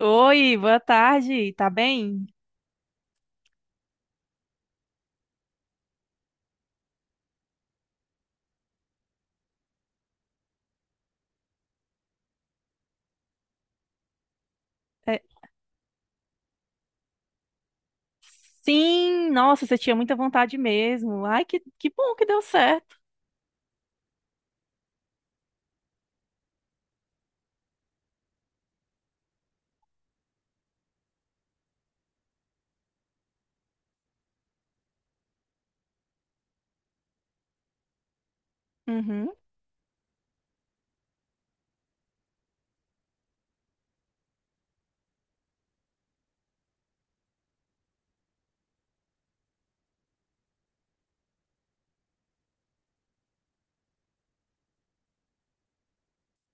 Oi, boa tarde, tá bem? É, sim, nossa, você tinha muita vontade mesmo. Ai, que bom que deu certo. Uhum.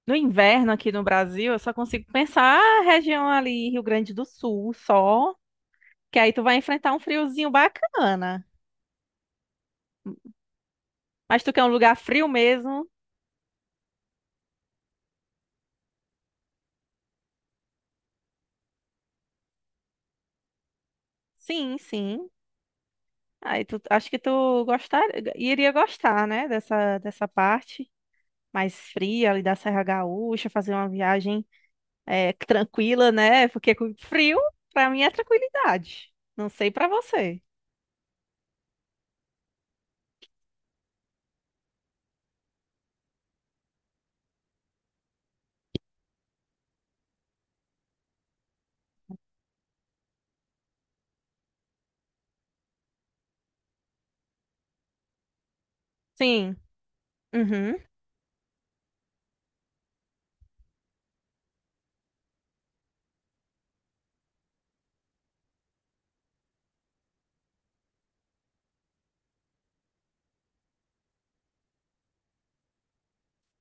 No inverno aqui no Brasil, eu só consigo pensar a região ali, Rio Grande do Sul, só, que aí tu vai enfrentar um friozinho bacana. Mas tu quer um lugar frio mesmo? Sim, sim. Aí tu, acho que tu iria gostar, né, dessa parte mais fria ali da Serra Gaúcha, fazer uma viagem tranquila, né? Porque com frio, pra mim, é tranquilidade. Não sei pra você. Sim. Uhum.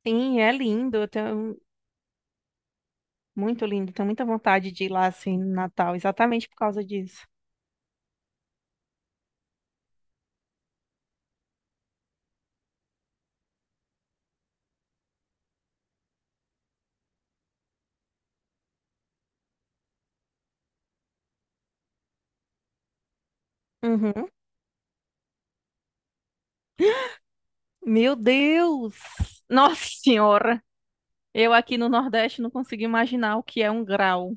Sim, é lindo. Eu tenho. Muito lindo. Tenho muita vontade de ir lá, assim, no Natal, exatamente por causa disso. Uhum. Meu Deus! Nossa Senhora! Eu aqui no Nordeste não consigo imaginar o que é 1 grau.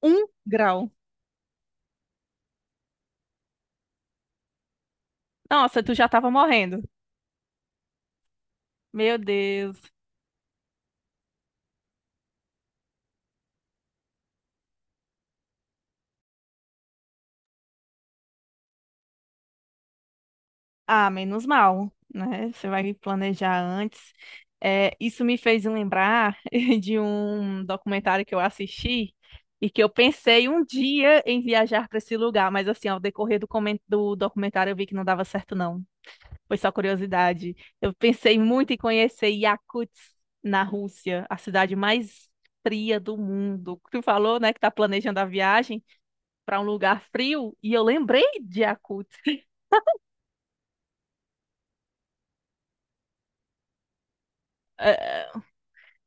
1 grau. Nossa, tu já tava morrendo. Meu Deus. Ah, menos mal, né? Você vai planejar antes. É, isso me fez lembrar de um documentário que eu assisti e que eu pensei um dia em viajar para esse lugar, mas assim, ao decorrer do documentário eu vi que não dava certo, não. Foi só curiosidade. Eu pensei muito em conhecer Yakutsk, na Rússia, a cidade mais fria do mundo. Tu falou, né, que tá planejando a viagem para um lugar frio e eu lembrei de Yakutsk.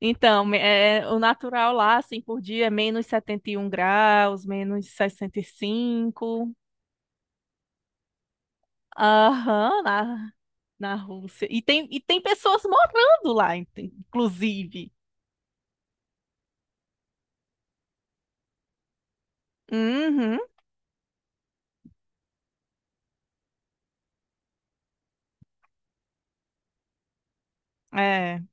Então, o natural lá, assim, por dia é -71 graus, -65. Aham, na Rússia. E tem pessoas morando lá, inclusive. Uhum, é.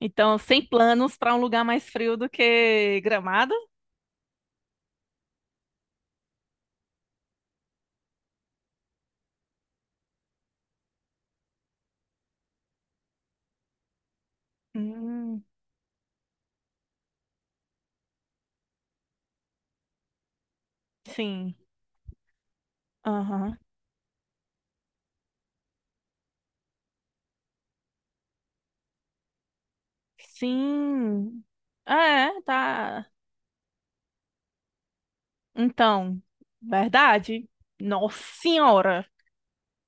Então, sem planos para um lugar mais frio do que Gramado? Hum, sim. Aham. Sim. É, tá. Então, verdade. Nossa senhora.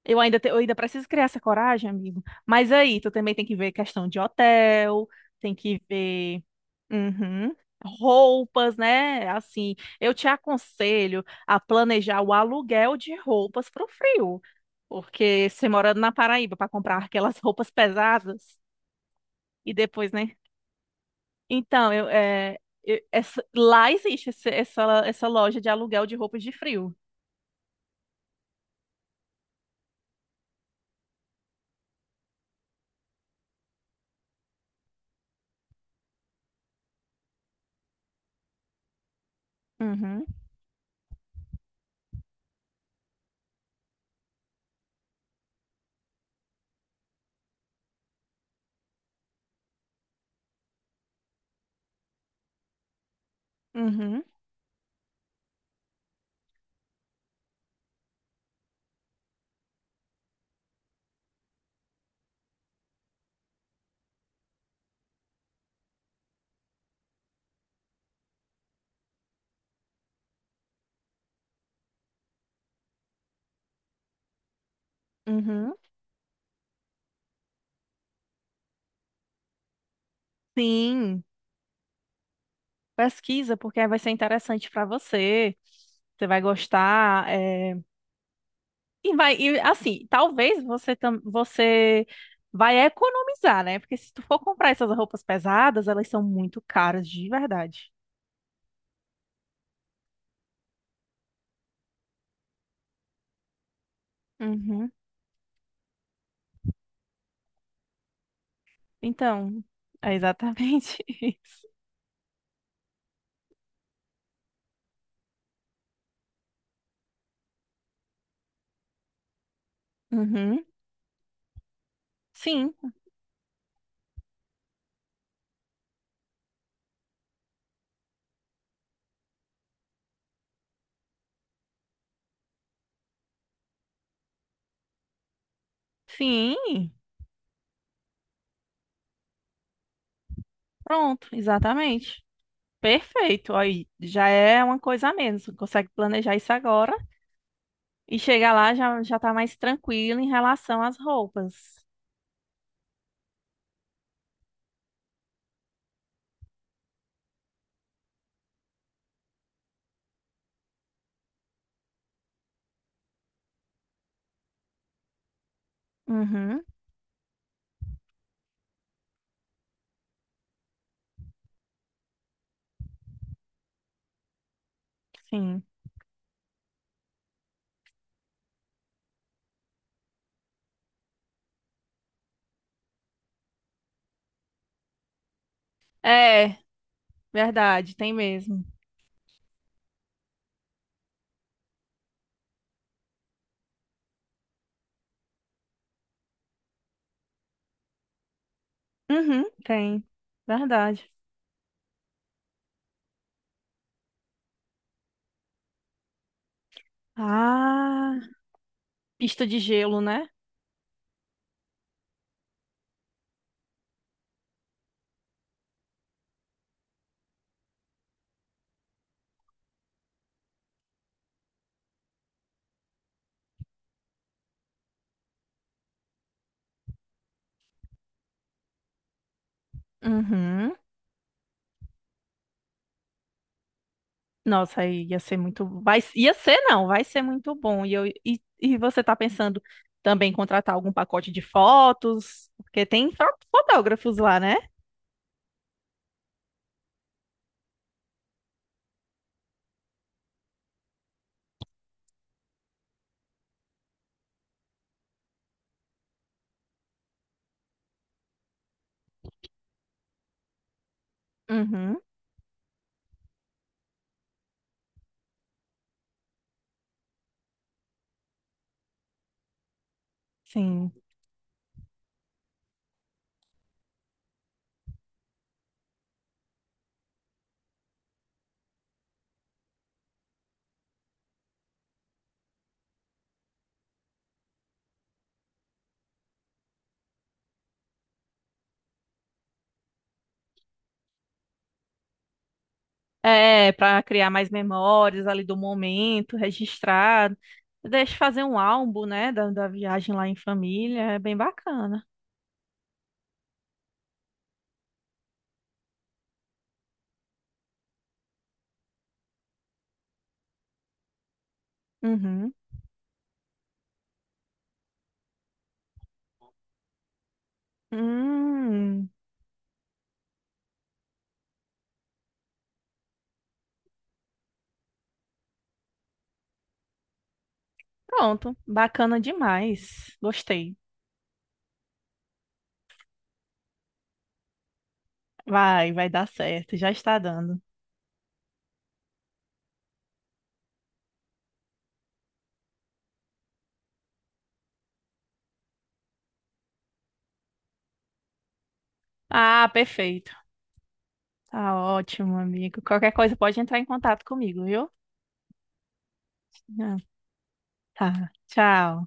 Eu ainda preciso criar essa coragem, amigo. Mas aí, tu também tem que ver questão de hotel, tem que ver, uhum, roupas, né? Assim, eu te aconselho a planejar o aluguel de roupas pro frio. Porque você morando na Paraíba para comprar aquelas roupas pesadas e depois, né? Então, eu, é, eu- essa- lá existe essa loja de aluguel de roupas de frio. Uhum, uhum, uhum. Sim. Pesquisa, porque aí vai ser interessante para você. Você vai gostar. E vai, e, assim, talvez você vai economizar, né? Porque se tu for comprar essas roupas pesadas, elas são muito caras de verdade. Uhum. Então, é exatamente isso. Uhum. Sim, sim. Pronto, exatamente. Perfeito. Aí já é uma coisa a menos. Você consegue planejar isso agora e chegar lá já, já tá mais tranquilo em relação às roupas. Uhum, sim. É, verdade, tem mesmo. Uhum, tem. Verdade. Ah, pista de gelo, né? Uhum. Nossa, aí ia ser muito. Ia ser, não, vai ser muito bom. E você tá pensando também em contratar algum pacote de fotos? Porque tem fotógrafos lá, né? Uhum, sim. É, para criar mais memórias ali do momento, registrar. Deixa fazer um álbum, né, da viagem lá em família, é bem bacana. Uhum. Hum, pronto, bacana demais. Gostei. Vai dar certo, já está dando. Ah, perfeito. Tá ótimo, amigo. Qualquer coisa pode entrar em contato comigo, viu? Ah, tá, tchau.